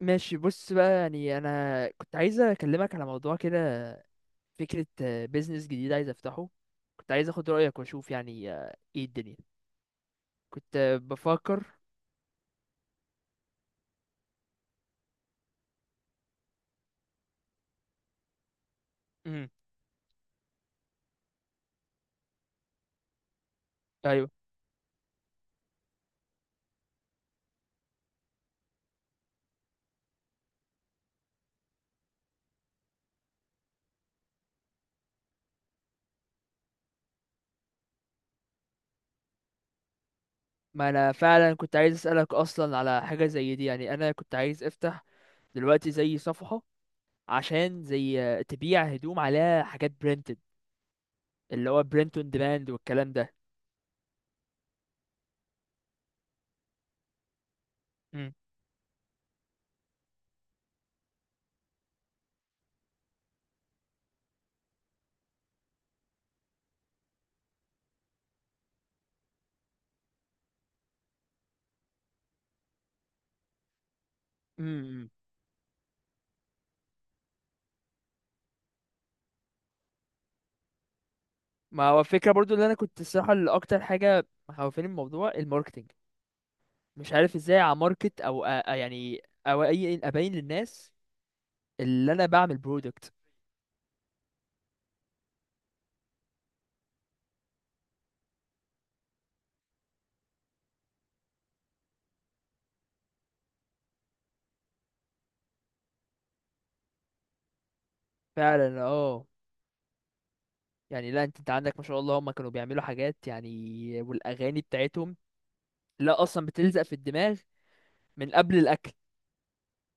ماشي، بص بقى، يعني انا كنت عايز اكلمك على موضوع كده. فكرة بيزنس جديد عايز افتحه. كنت عايز اخد رأيك واشوف، يعني ايه الدنيا. كنت بفكر. امم ايوه. ما انا فعلا كنت عايز اسألك اصلا على حاجة زي دي، يعني انا كنت عايز افتح دلوقتي زي صفحة، عشان زي تبيع هدوم عليها حاجات برينتد، اللي هو برينت اون ديماند والكلام ده. مم. امم ما هو الفكرة برضو اللي انا كنت، الصراحة، اللي اكتر حاجة مخوفاني من الموضوع الماركتنج. مش عارف ازاي اماركت او يعني او اي ابين للناس اللي انا بعمل برودكت. فعلا اه. يعني لا، انت عندك ما شاء الله، هم كانوا بيعملوا حاجات يعني، والاغاني بتاعتهم لا اصلا بتلزق في الدماغ من قبل الاكل.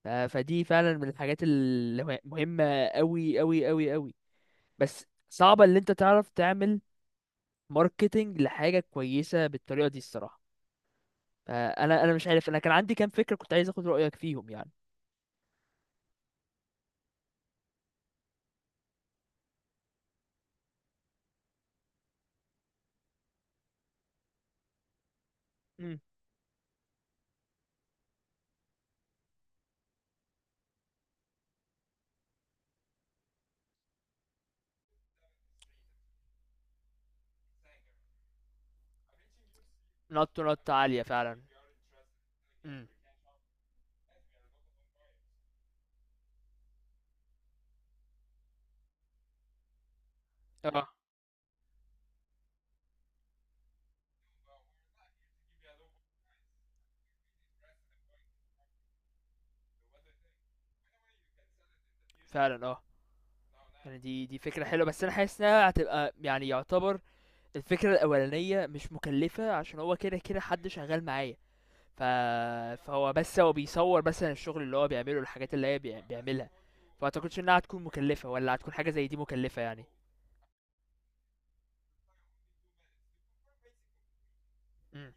فدي فعلا من الحاجات المهمة قوي قوي قوي قوي. بس صعبة اللي انت تعرف تعمل ماركتينج لحاجة كويسة بالطريقة دي الصراحة. فانا مش عارف، انا كان عندي كام فكرة كنت عايز اخد رأيك فيهم يعني. امم نط نط عالية فعلا. مم. آه، فعلًا يعني دي فكرة حلوة، بس أنا حاسس إنها هتبقى يعني، يعتبر الفكرة الأولانية مش مكلفة، عشان هو كده كده حد شغال معايا، ف فهو بس هو بيصور مثلًا الشغل اللي هو بيعمله، الحاجات اللي هي بيعملها، فما أعتقدش إنها هتكون مكلفة، والّا هتكون حاجة زي دي مكلفة يعني؟ إمم،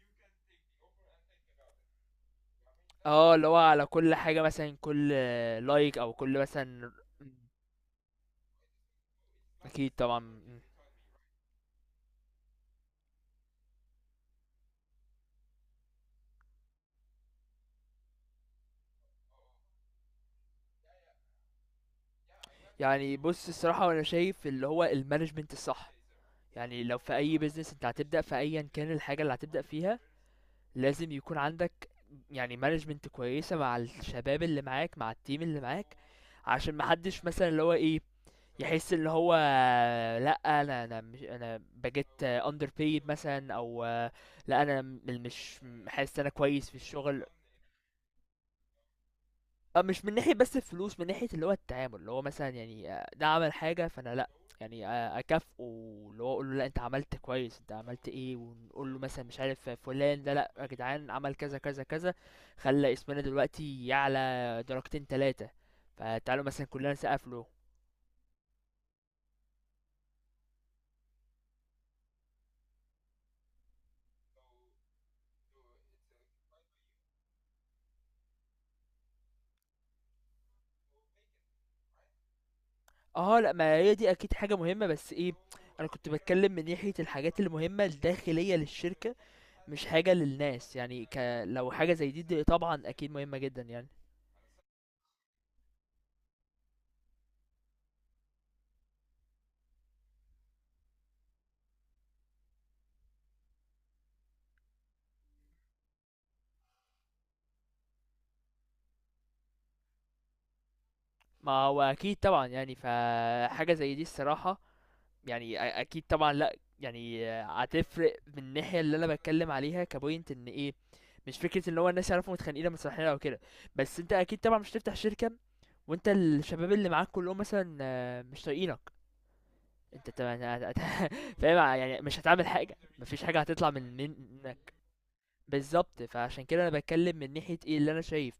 اللي هو على كل حاجة مثلًا، كل لايك أو كل مثلًا. إمم، أكيد طبعًا. يعني بُص، الصراحة هو أنا شايف اللي هو الmanagement الصح. يعني لو في أي بيزنس أنت هتبدأ، في أيا كان الحاجة اللي هتبدأ فيها، لازم يكون عندك يعني مانجمنت كويسة مع الشباب اللي معاك، مع التيم اللي معاك، عشان محدش مثلا اللي هو ايه يحس اللي هو لا، انا مش انا بجيت اندر بيد مثلا او لا، انا مش حاسس انا كويس في الشغل. مش من ناحية بس الفلوس، من ناحية اللي هو التعامل، اللي هو مثلا يعني ده عمل حاجة فأنا لأ، يعني أكافئه، اللي هو أقول له لأ أنت عملت كويس، أنت عملت إيه، ونقول له مثلا مش عارف فلان ده، لأ يا جدعان عمل كذا كذا كذا، خلى اسمنا دلوقتي يعلى درجتين تلاتة، فتعالوا مثلا كلنا نسقف له. اه لأ، ما هي دي أكيد حاجة مهمة، بس إيه، أنا كنت بتكلم من ناحية الحاجات المهمة الداخلية للشركة، مش حاجة للناس يعني لو حاجة زي دي، دي طبعا أكيد مهمة جدا يعني. ما هو اكيد طبعا، يعني فحاجه زي دي الصراحه، يعني اكيد طبعا لا، يعني هتفرق من الناحيه اللي انا بتكلم عليها كبوينت ان ايه. مش فكره ان هو الناس يعرفوا متخانقين لما صالحين او كده، بس انت اكيد طبعا مش تفتح شركه وانت الشباب اللي معاك كلهم مثلا مش طايقينك، انت طبعا فاهم يعني، مش هتعمل حاجه، مفيش حاجه هتطلع منك. بالظبط، فعشان كده انا بتكلم من ناحيه ايه اللي انا شايف.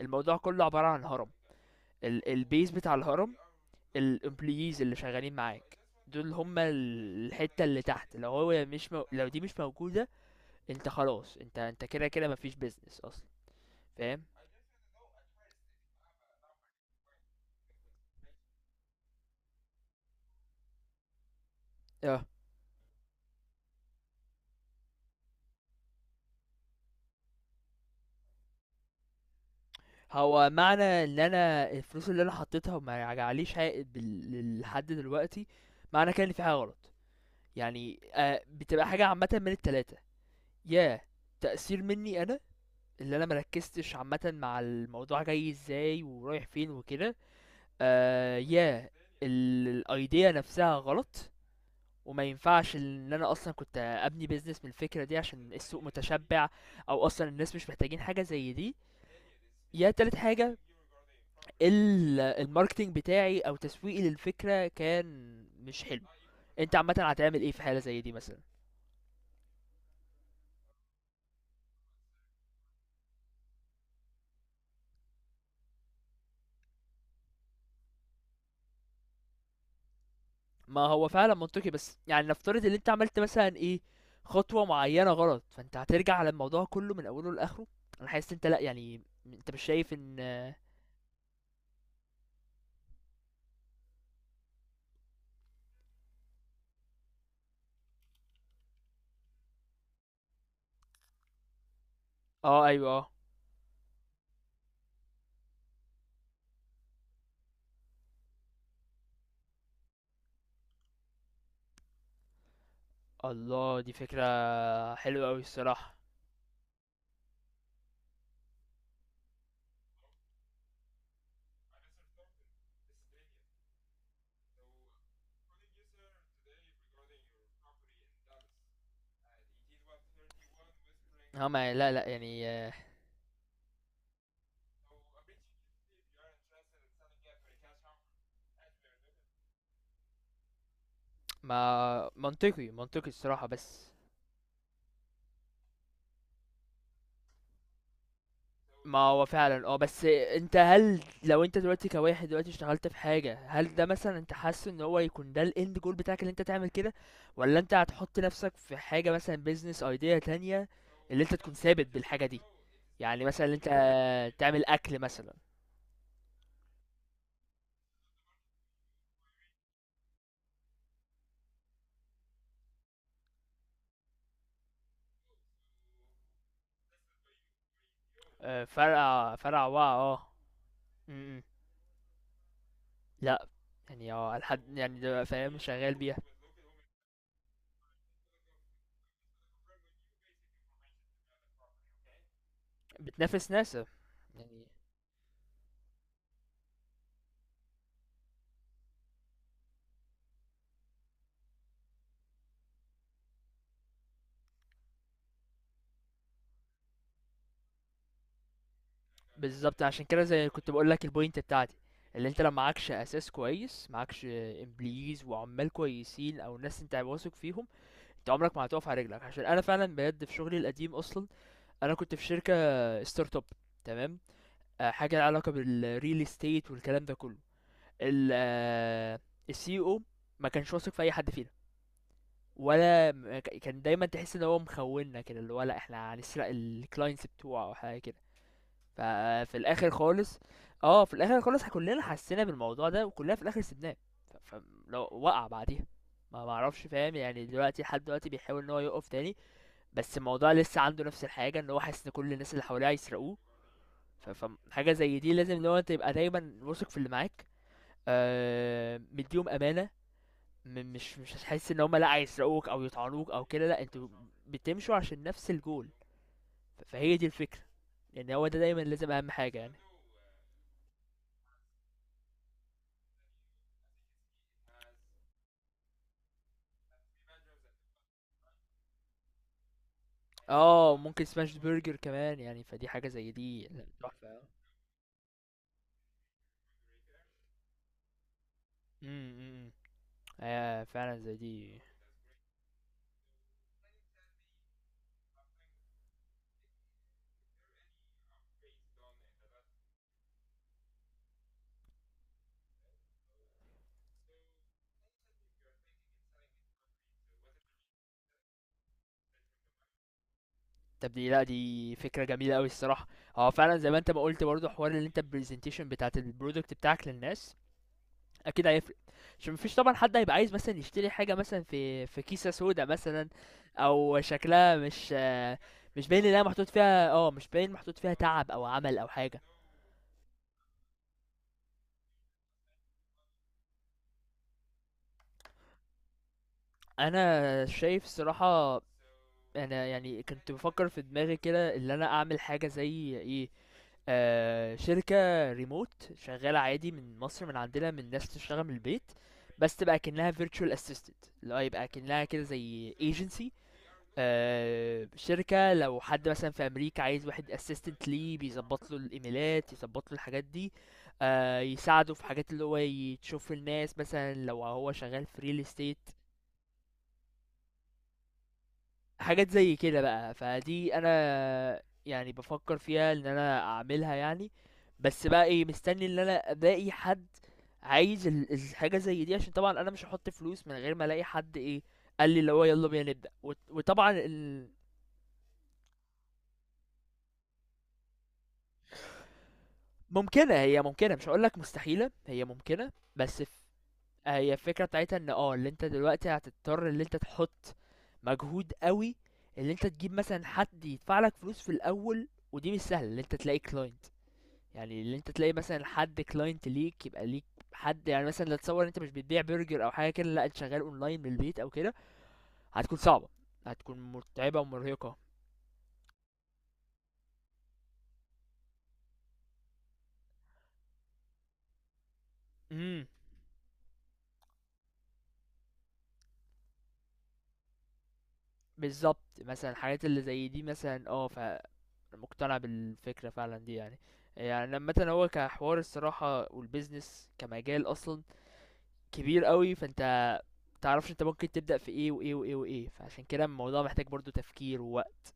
الموضوع كله عباره عن هرم، البيز بتاع الهرم الامبلويز اللي شغالين معاك، دول هما الحتة اللي تحت، لو دي مش موجودة، انت خلاص، انت كده كده مفيش بيزنس اصلا. فاهم اه. هو معنى ان انا الفلوس اللي انا حطيتها وما رجعليش عائد لحد دلوقتي، معنى كده ان في حاجة غلط. يعني آه بتبقى حاجة عامة من التلاتة، يا تأثير مني انا اللي انا مركزتش عامة مع الموضوع، جاي ازاي ورايح فين وكده، يا الايديا نفسها غلط وما ينفعش ان انا اصلا كنت ابني بيزنس من الفكره دي، عشان السوق متشبع او اصلا الناس مش محتاجين حاجه زي دي، يا تالت حاجه الماركتينج بتاعي او تسويقي للفكره كان مش حلو. انت عامه هتعمل ايه في حاله زي دي مثلا؟ ما هو فعلا منطقي، بس يعني نفترض ان انت عملت مثلا ايه، خطوه معينه غلط، فانت هترجع على الموضوع كله من اوله لاخره. انا حاسس انت لا، يعني انت مش شايف ان اه ايوه اه. الله، دي فكرة حلوة أوي الصراحة. اه ما لا لأ، يعني ما منطقي منطقي الصراحة. بس ما هو فعلا اه، بس انت هل لو انت دلوقتي كواحد دلوقتي اشتغلت في حاجة، هل ده مثلا انت حاسس ان هو يكون ده الاند جول بتاعك اللي انت تعمل كده، ولا انت هتحط نفسك في حاجة مثلا بيزنس ايديا تانية اللي انت تكون ثابت بالحاجة دي؟ يعني مثلا اللي انت تعمل اكل مثلا. فرع وا اه م- م. لا، يعني اه، الحد يعني ده فاهم شغال بيها. بتنافس ناسا يعني. بالظبط، عشان كده زي كنت بقول لك البوينت بتاعتي، اللي انت لو معكش اساس كويس، معكش امبليز وعمال كويسين او ناس انت واثق فيهم، انت عمرك ما هتقف على رجلك. عشان انا فعلا بجد في شغلي القديم اصلا، انا كنت في شركه ستارت اب، تمام، حاجه لها علاقه بالريل استيت والكلام ده كله. السي او ما كانش واثق في اي حد فينا، ولا كان دايما تحس ان هو مخوننا كده، اللي هو لا احنا هنسرق الكلاينتس بتوعه او حاجه كده. ففي الاخر خالص اه، في الاخر خالص كلنا حسينا بالموضوع ده وكلنا في الاخر سيبناه. فلو وقع بعديها ما معرفش، فاهم يعني، دلوقتي لحد دلوقتي بيحاول ان هو يقف تاني، بس الموضوع لسه عنده نفس الحاجه ان هو حاسس ان كل الناس اللي حواليه هيسرقوه. ف- فحاجه زي دي لازم لو انت تبقى دايما واثق في اللي معاك، مديهم امانه، مش مش هتحس ان هم لا هيسرقوك او يطعنوك او كده، لا انتوا بتمشوا عشان نفس الجول. فهي دي الفكره. يعني هو ده دايما لازم اهم حاجه يعني. اه، ممكن سماش برجر كمان يعني، فدي حاجة زي دي لا، تحفة. امم فعلا زي دي. طب دي لا، دي فكرة جميلة أوي الصراحة. هو فعلا زي ما انت ما قلت برضه حوار اللي انت البرزنتيشن بتاعت البرودكت بتاعك للناس، اكيد هيفرق. عشان مفيش طبعا حد هيبقى عايز مثلا يشتري حاجة مثلا في كيسة سودا مثلا، او شكلها مش مش باين انها محطوط فيها اه، مش باين محطوط فيها تعب او عمل او حاجة. انا شايف الصراحة، انا يعني كنت بفكر في دماغي كده ان انا اعمل حاجه زي ايه، شركه ريموت شغاله عادي من مصر، من عندنا، من ناس تشتغل من البيت، بس تبقى كأنها virtual assistant، اللي هو يبقى كأنها كده زي agency. شركة لو حد مثلا في أمريكا عايز واحد assistant ليه بيظبط له الإيميلات، يظبط له الحاجات دي، يساعده في حاجات اللي هو يشوف الناس مثلا لو هو شغال في real estate، حاجات زي كده بقى، فدي انا يعني بفكر فيها ان انا اعملها يعني. بس بقى ايه، مستني ان انا الاقي حد عايز الحاجه زي دي، عشان طبعا انا مش هحط فلوس من غير ما الاقي حد ايه قال لي اللي هو يلا بينا نبدا، وطبعا ال... ممكنه، هي ممكنه، مش هقول لك مستحيله، هي ممكنه بس هي الفكره بتاعتها ان اه اللي انت دلوقتي هتضطر ان انت تحط مجهود قوي، اللي انت تجيب مثلا حد يدفع لك فلوس في الاول ودي مش سهله، اللي انت تلاقي كلاينت، يعني اللي انت تلاقي مثلا حد كلاينت ليك يبقى ليك حد، يعني مثلا لا تصور انت مش بتبيع برجر او حاجه كده، لا انت شغال اونلاين من البيت او كده، هتكون صعبه، هتكون متعبه ومرهقه. امم بالظبط، مثلا الحاجات اللي زي دي مثلا اه، فمقتنع بالفكره فعلا دي يعني. يعني لما مثلا هو كحوار الصراحه، والبيزنس كمجال اصلا كبير قوي، فانت متعرفش انت ممكن تبدا في ايه وايه وايه وايه، فعشان كده الموضوع محتاج برضو تفكير ووقت.